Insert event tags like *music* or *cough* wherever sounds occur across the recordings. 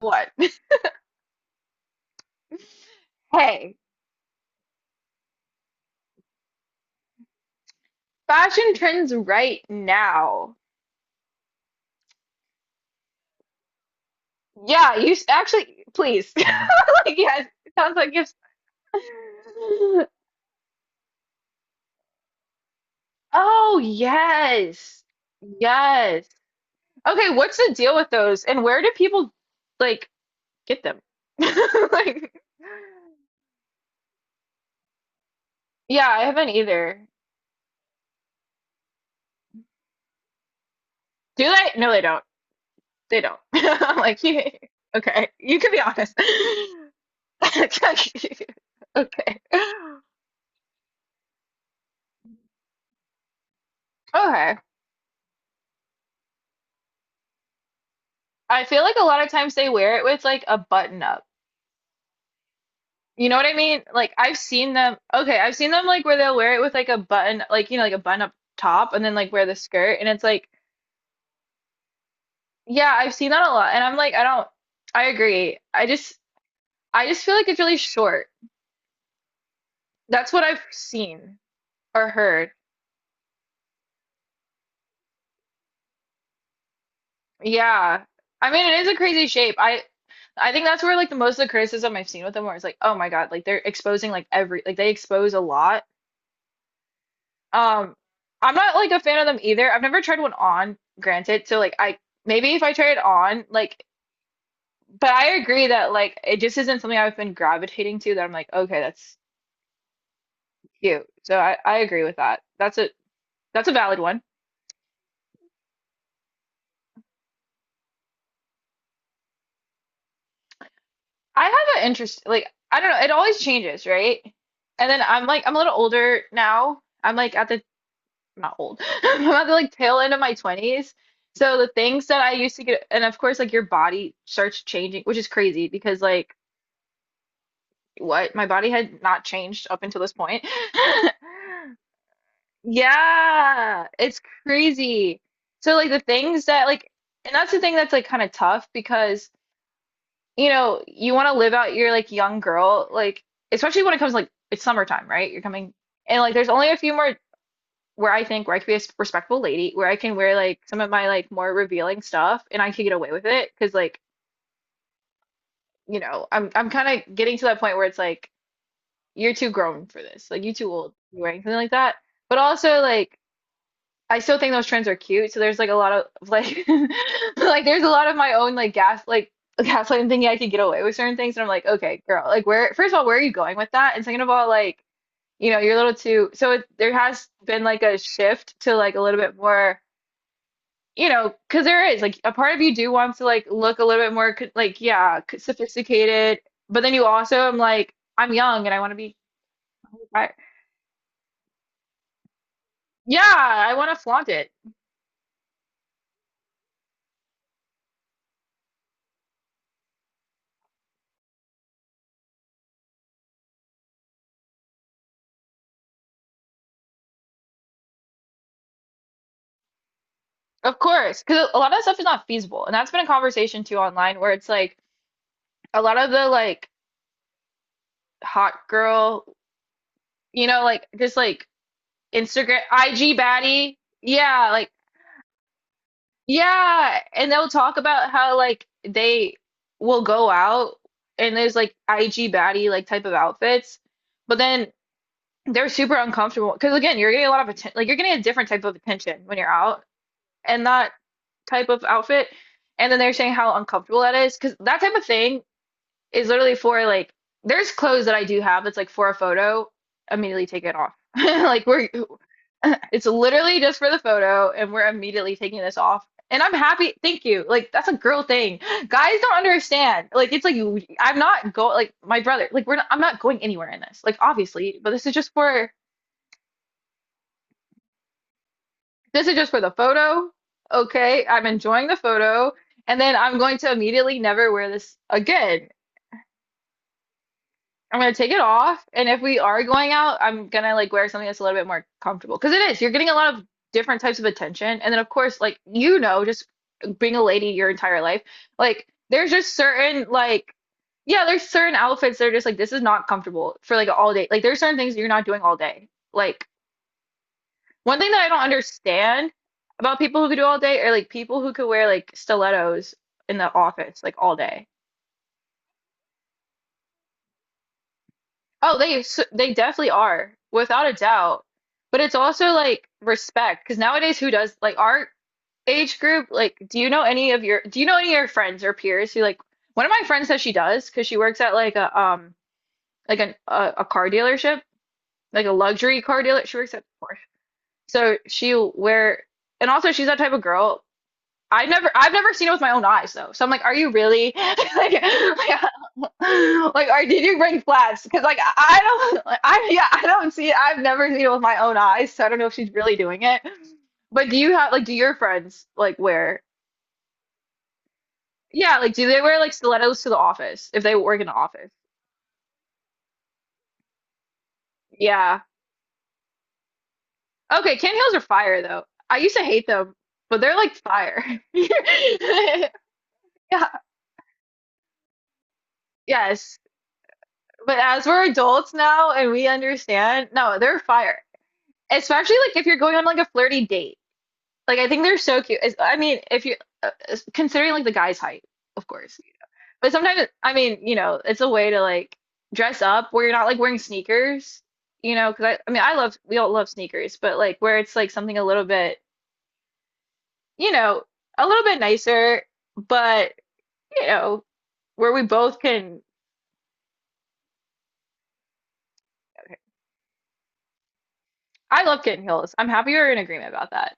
What? *laughs* Hey, fashion trends right now. Yeah, actually, please. *laughs* Like, yes, it sounds like you've. *laughs* Oh, yes. Yes. Okay, what's the deal with those? And where do people, like, get them? *laughs* Like, yeah, I haven't either. Do they? No, they don't. They don't. *laughs* I'm like, you, okay, you can be honest. *laughs* Okay. Okay. I feel like a lot of times they wear it with like a button up. You know what I mean? Like I've seen them, okay, I've seen them like where they'll wear it with like a button, like you know, like a button up top and then like wear the skirt and it's like, yeah, I've seen that a lot and I'm like, I don't I agree. I just feel like it's really short. That's what I've seen or heard. Yeah. I mean, it is a crazy shape. I think that's where like the most of the criticism I've seen with them where it's like, oh my God, like they're exposing like every like they expose a lot. Um, I'm not like a fan of them either. I've never tried one on, granted. So like I maybe if I try it on, like but I agree that like it just isn't something I've been gravitating to that I'm like, okay, that's cute. So I agree with that. That's a valid one. I have an interest like I don't know, it always changes, right? And then I'm like I'm a little older now. I'm like at the I'm not old. *laughs* I'm at the like tail end of my 20s. So the things that I used to get, and of course, like your body starts changing, which is crazy because like what? My body had not changed up until this point. *laughs* Yeah, it's crazy. So like the things that like and that's the thing that's like kind of tough because you know, you want to live out your like young girl like especially when it comes like it's summertime, right? You're coming and like there's only a few more where I think where I could be a s- respectful lady, where I can wear like some of my like more revealing stuff and I could get away with it because like, you know, I'm kind of getting to that point where it's like you're too grown for this. Like you're too old to be wearing something like that. But also like I still think those trends are cute. So there's like a lot of like *laughs* like there's a lot of my own like gas like *laughs* gaslighting thinking I could get away with certain things. And I'm like, okay, girl, like where first of all, where are you going with that? And second of all, like, you know, you're a little too so it, there has been like a shift to like a little bit more. You know, because there is like a part of you do want to like look a little bit more co- like yeah, c- sophisticated, but then you also am like I'm young and I want to be. Yeah, I want to flaunt it. Of course, because a lot of stuff is not feasible. And that's been a conversation too online where it's like a lot of the like hot girl, you know, like just like Instagram, IG baddie. Yeah, like, yeah. And they'll talk about how like they will go out and there's like IG baddie like type of outfits, but then they're super uncomfortable because again, you're getting a lot of attention, like you're getting a different type of attention when you're out and not type of outfit. And then they're saying how uncomfortable that is because that type of thing is literally for like there's clothes that I do have that's like for a photo, immediately take it off. *laughs* Like we're *laughs* it's literally just for the photo and we're immediately taking this off. And I'm happy. Thank you. Like that's a girl thing. Guys don't understand. Like it's like I'm not going like my brother. Like we're not, I'm not going anywhere in this. Like obviously, but this is just for this is just for the photo. Okay, I'm enjoying the photo, and then I'm going to immediately never wear this again. I'm gonna take it off, and if we are going out, I'm gonna like wear something that's a little bit more comfortable. Because it is, you're getting a lot of different types of attention, and then of course, like you know, just being a lady your entire life, like there's just certain like yeah, there's certain outfits that are just like this is not comfortable for like all day. Like there's certain things you're not doing all day. Like one thing that I don't understand about people who could do all day are like people who could wear like stilettos in the office like all day. Oh, they s- they definitely are without a doubt. But it's also like respect because nowadays who does like our age group like do you know any of your do you know any of your friends or peers who like one of my friends says she does because she works at like a like an, a car dealership like a luxury car dealer she works at Porsche so she'll wear and also she's that type of girl. I've never seen it with my own eyes though. So I'm like, are you really *laughs* like are did you bring flats? Because like I don't like, I yeah, I don't see it. I've never seen it with my own eyes, so I don't know if she's really doing it. But do you have like do your friends like wear yeah, like do they wear like stilettos to the office if they work in the office? Yeah. Okay, Ken heels are fire though. I used to hate them, but they're like fire. *laughs* Yeah, yes. But as we're adults now and we understand, no, they're fire. Especially like if you're going on like a flirty date. Like I think they're so cute. It's- I mean, if you considering like the guy's height, of course. But sometimes I mean, you know, it's a way to like dress up where you're not like wearing sneakers, you know? Because I mean, I love we all love sneakers, but like where it's like something a little bit, you know, a little bit nicer, but you know, where we both can. I love kitten heels. I'm happy we're in agreement about that.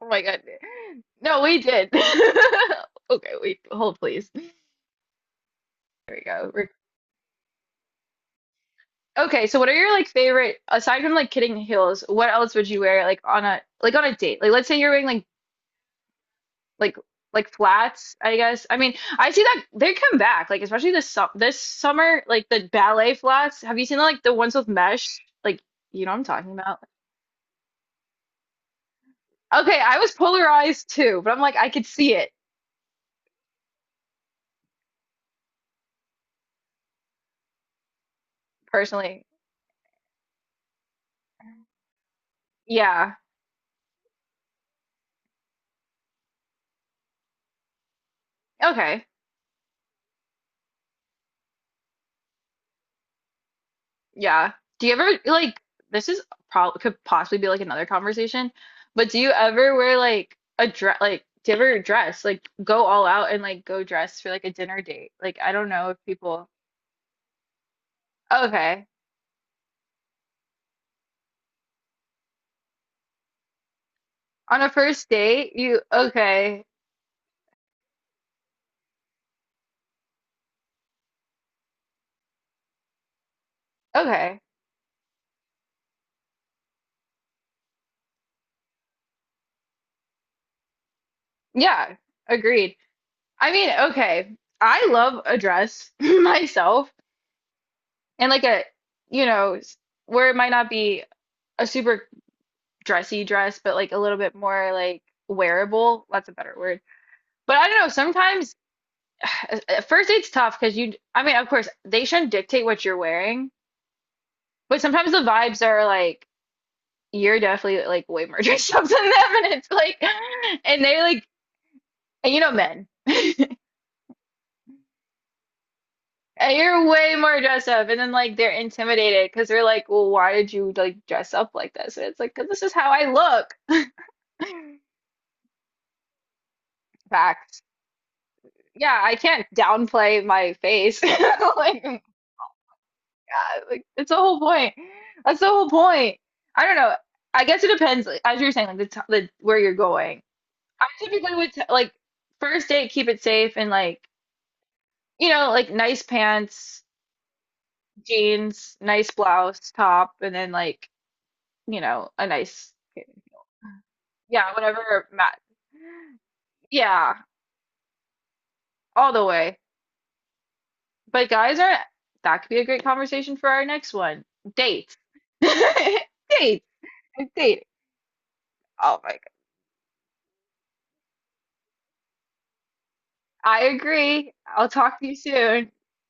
Oh my God. No, we did. *laughs* Okay, we hold please. There we go. Re- Okay, so what are your like favorite aside from like kidding heels, what else would you wear like on a date? Like let's say you're wearing like like flats, I guess. I mean, I see that they come back, like especially this su this summer, like the ballet flats. Have you seen like the ones with mesh? Like you know what I'm talking about. Okay, I was polarized too, but I'm like I could see it personally. Yeah. Okay. Yeah. Do you ever like this is probably could possibly be like another conversation, but do you ever wear like a dress like do you ever dress like go all out and like go dress for like a dinner date? Like I don't know if people okay. On a first date, you okay. Okay. Yeah, agreed. I mean, okay. I love a dress *laughs* myself and like a you know, s- where it might not be a super dressy dress, but like a little bit more like wearable. That's a better word. But I don't know, sometimes *sighs* at first it's tough because you, I mean, of course, they shouldn't dictate what you're wearing, but sometimes the vibes are like, you're definitely like way more *laughs* dressed up than them. And it's like, and they like, and you know, men, and you're way more dressed up. And then like they're intimidated because they're like, well, why did you like dress up like this? And it's like, 'cause this is how I look. Facts. Yeah, I can't downplay my face. *laughs* Like, like that's the whole point. That's the whole point. I don't know. I guess it depends, like, as you're saying, like the where you're going. I typically would t like first date, keep it safe and like you know, like nice pants, jeans, nice blouse, top, and then like you know, a nice yeah, whatever mat. Yeah, all the way. But guys are that could be a great conversation for our next one. Date. *laughs* Date. Date. Oh my I agree. I'll talk to you soon.